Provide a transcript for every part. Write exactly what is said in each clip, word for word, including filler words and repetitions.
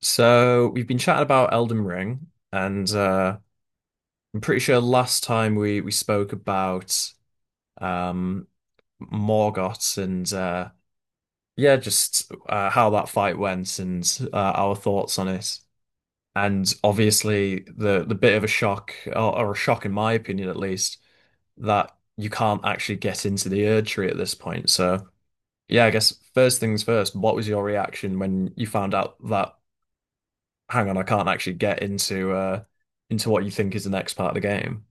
So we've been chatting about Elden Ring, and uh, I'm pretty sure last time we we spoke about um, Morgott and uh, yeah, just uh, how that fight went and uh, our thoughts on it. And obviously, the the bit of a shock, or, or a shock in my opinion at least, that you can't actually get into the Erdtree at this point. So yeah, I guess first things first, what was your reaction when you found out that hang on, I can't actually get into uh into what you think is the next part of the game.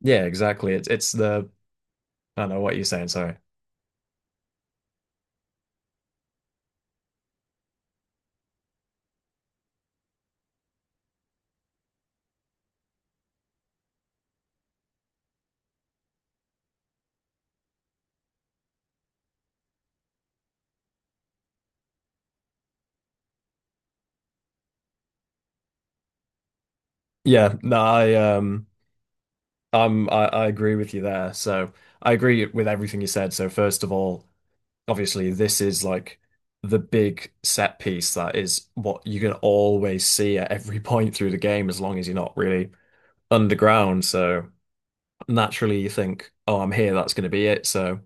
Yeah, exactly. It's it's the I don't know what you're saying, sorry. Yeah, no, I um I'm I, I agree with you there. So I agree with everything you said. So first of all, obviously this is like the big set piece that is what you can always see at every point through the game as long as you're not really underground. So naturally you think, oh, I'm here, that's going to be it. So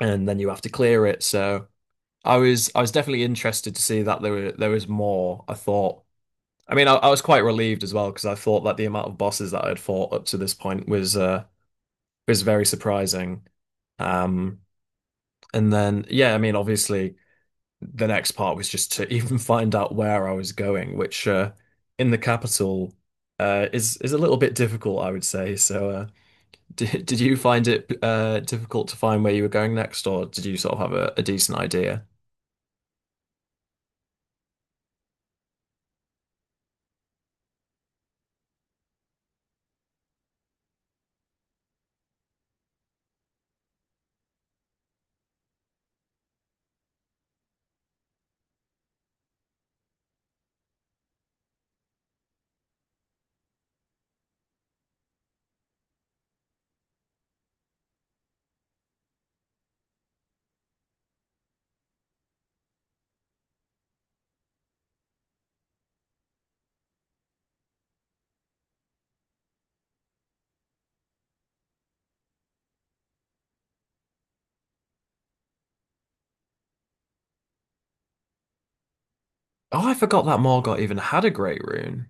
and then you have to clear it. So I was I was definitely interested to see that there were there was more. I thought. I mean, I, I was quite relieved as well because I thought that the amount of bosses that I had fought up to this point was uh was very surprising. Um, and then yeah, I mean, obviously the next part was just to even find out where I was going, which uh, in the capital uh is is a little bit difficult, I would say. So uh, did did you find it uh difficult to find where you were going next, or did you sort of have a, a decent idea? Oh, I forgot that Morgott even had a great rune.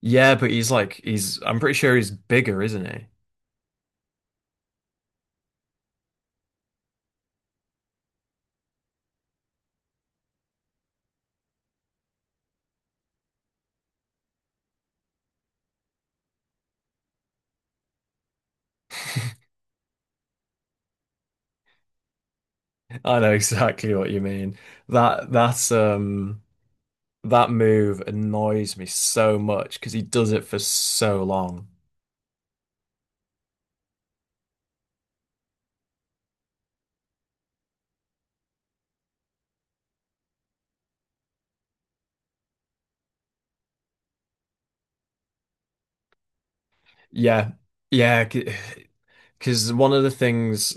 Yeah, but he's like he's I'm pretty sure he's bigger, isn't he? I know exactly what you mean. That that's um that move annoys me so much because he does it for so long. Yeah. Yeah, because one of the things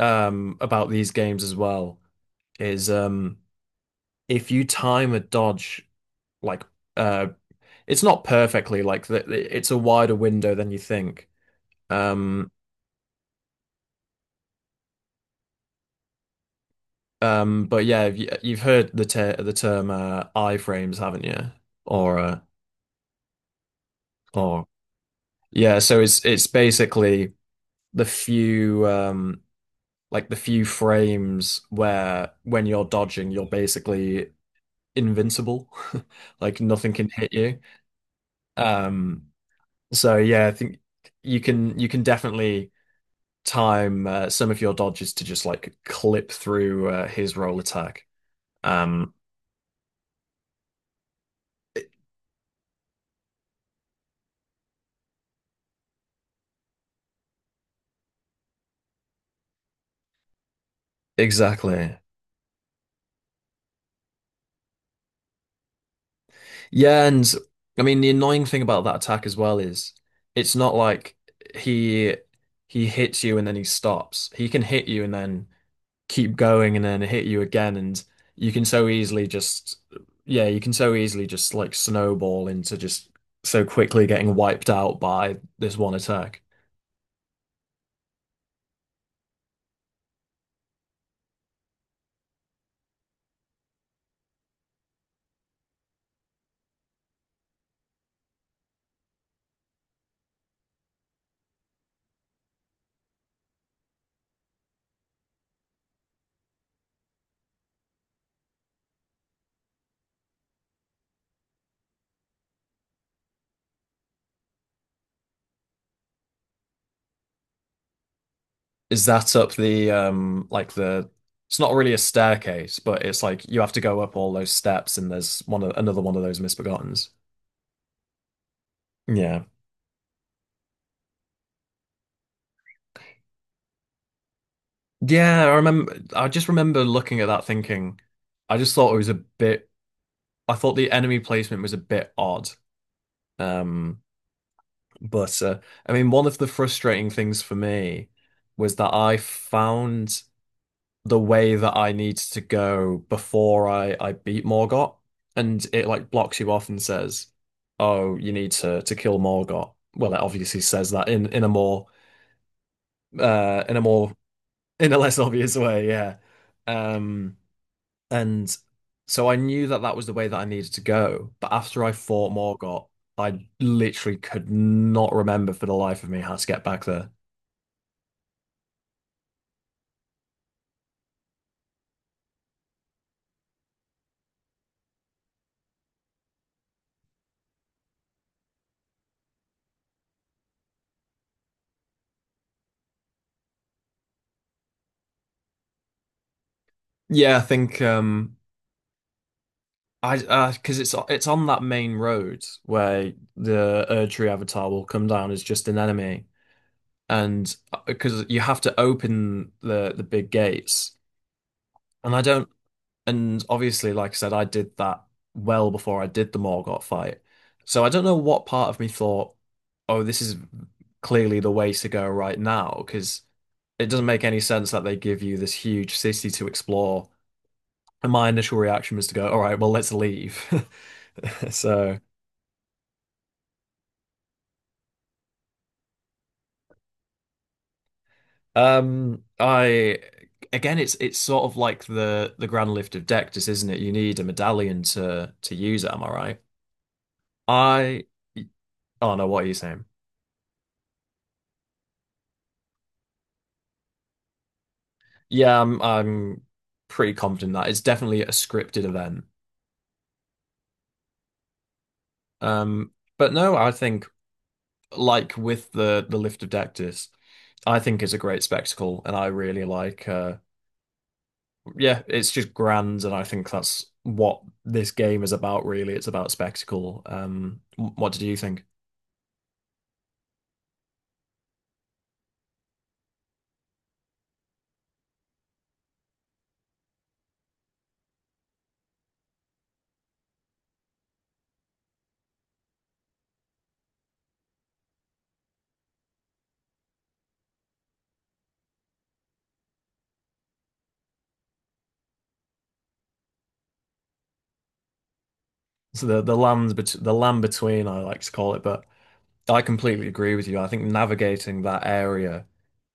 um about these games as well is um if you time a dodge like uh it's not perfectly like that, it's a wider window than you think. Um Um, but yeah, you- you've heard the ter the term uh, iframes, haven't you? Or uh, or yeah, so it's it's basically the few um like the few frames where when you're dodging, you're basically invincible, like nothing can hit you. Um, so yeah, I think you can you can definitely time uh, some of your dodges to just like clip through uh, his roll attack. Um, e- exactly. Yeah, and I mean the annoying thing about that attack as well is it's not like he he hits you and then he stops. He can hit you and then keep going and then hit you again and you can so easily just yeah, you can so easily just like snowball into just so quickly getting wiped out by this one attack. Is that up the um like the it's not really a staircase, but it's like you have to go up all those steps and there's one of, another one of those misbegottens. Yeah. Yeah, I remember. I just remember looking at that thinking, I just thought it was a bit. I thought the enemy placement was a bit odd. Um, but uh, I mean, one of the frustrating things for me was that I found the way that I needed to go before I I beat Morgott, and it like blocks you off and says, "Oh, you need to to kill Morgott." Well, it obviously says that in in a more uh in a more in a less obvious way, yeah. Um. And so I knew that that was the way that I needed to go. But after I fought Morgott, I literally could not remember for the life of me how to get back there. Yeah, I think um I uh 'cause because it's it's on that main road where the Erdtree avatar will come down as just an enemy, and because you have to open the the big gates, and I don't And obviously, like I said, I did that well before I did the Morgott fight. So I don't know what part of me thought, oh, this is clearly the way to go right now, because it doesn't make any sense that they give you this huge city to explore. And my initial reaction was to go, all right, well, let's leave. So, um, I again, it's it's sort of like the the grand lift of Dectus, isn't it? You need a medallion to to use it. Am I right? I oh no, what are you saying? Yeah, I'm I'm pretty confident that it's definitely a scripted event. Um, but no, I think like with the the lift of Dectus, I think it's a great spectacle, and I really like. Uh, yeah, it's just grand, and I think that's what this game is about. Really, it's about spectacle. Um, wh- what did you think? So the the land bet the land between, I like to call it, but I completely agree with you. I think navigating that area.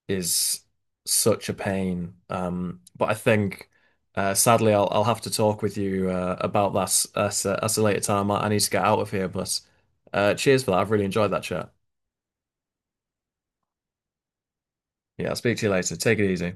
Is such a pain. Um, but I think uh, sadly I'll I'll have to talk with you uh, about that at a, at a later time. I, I need to get out of here, but uh, cheers for that. I've really enjoyed that chat. Yeah, I'll speak to you later. Take it easy.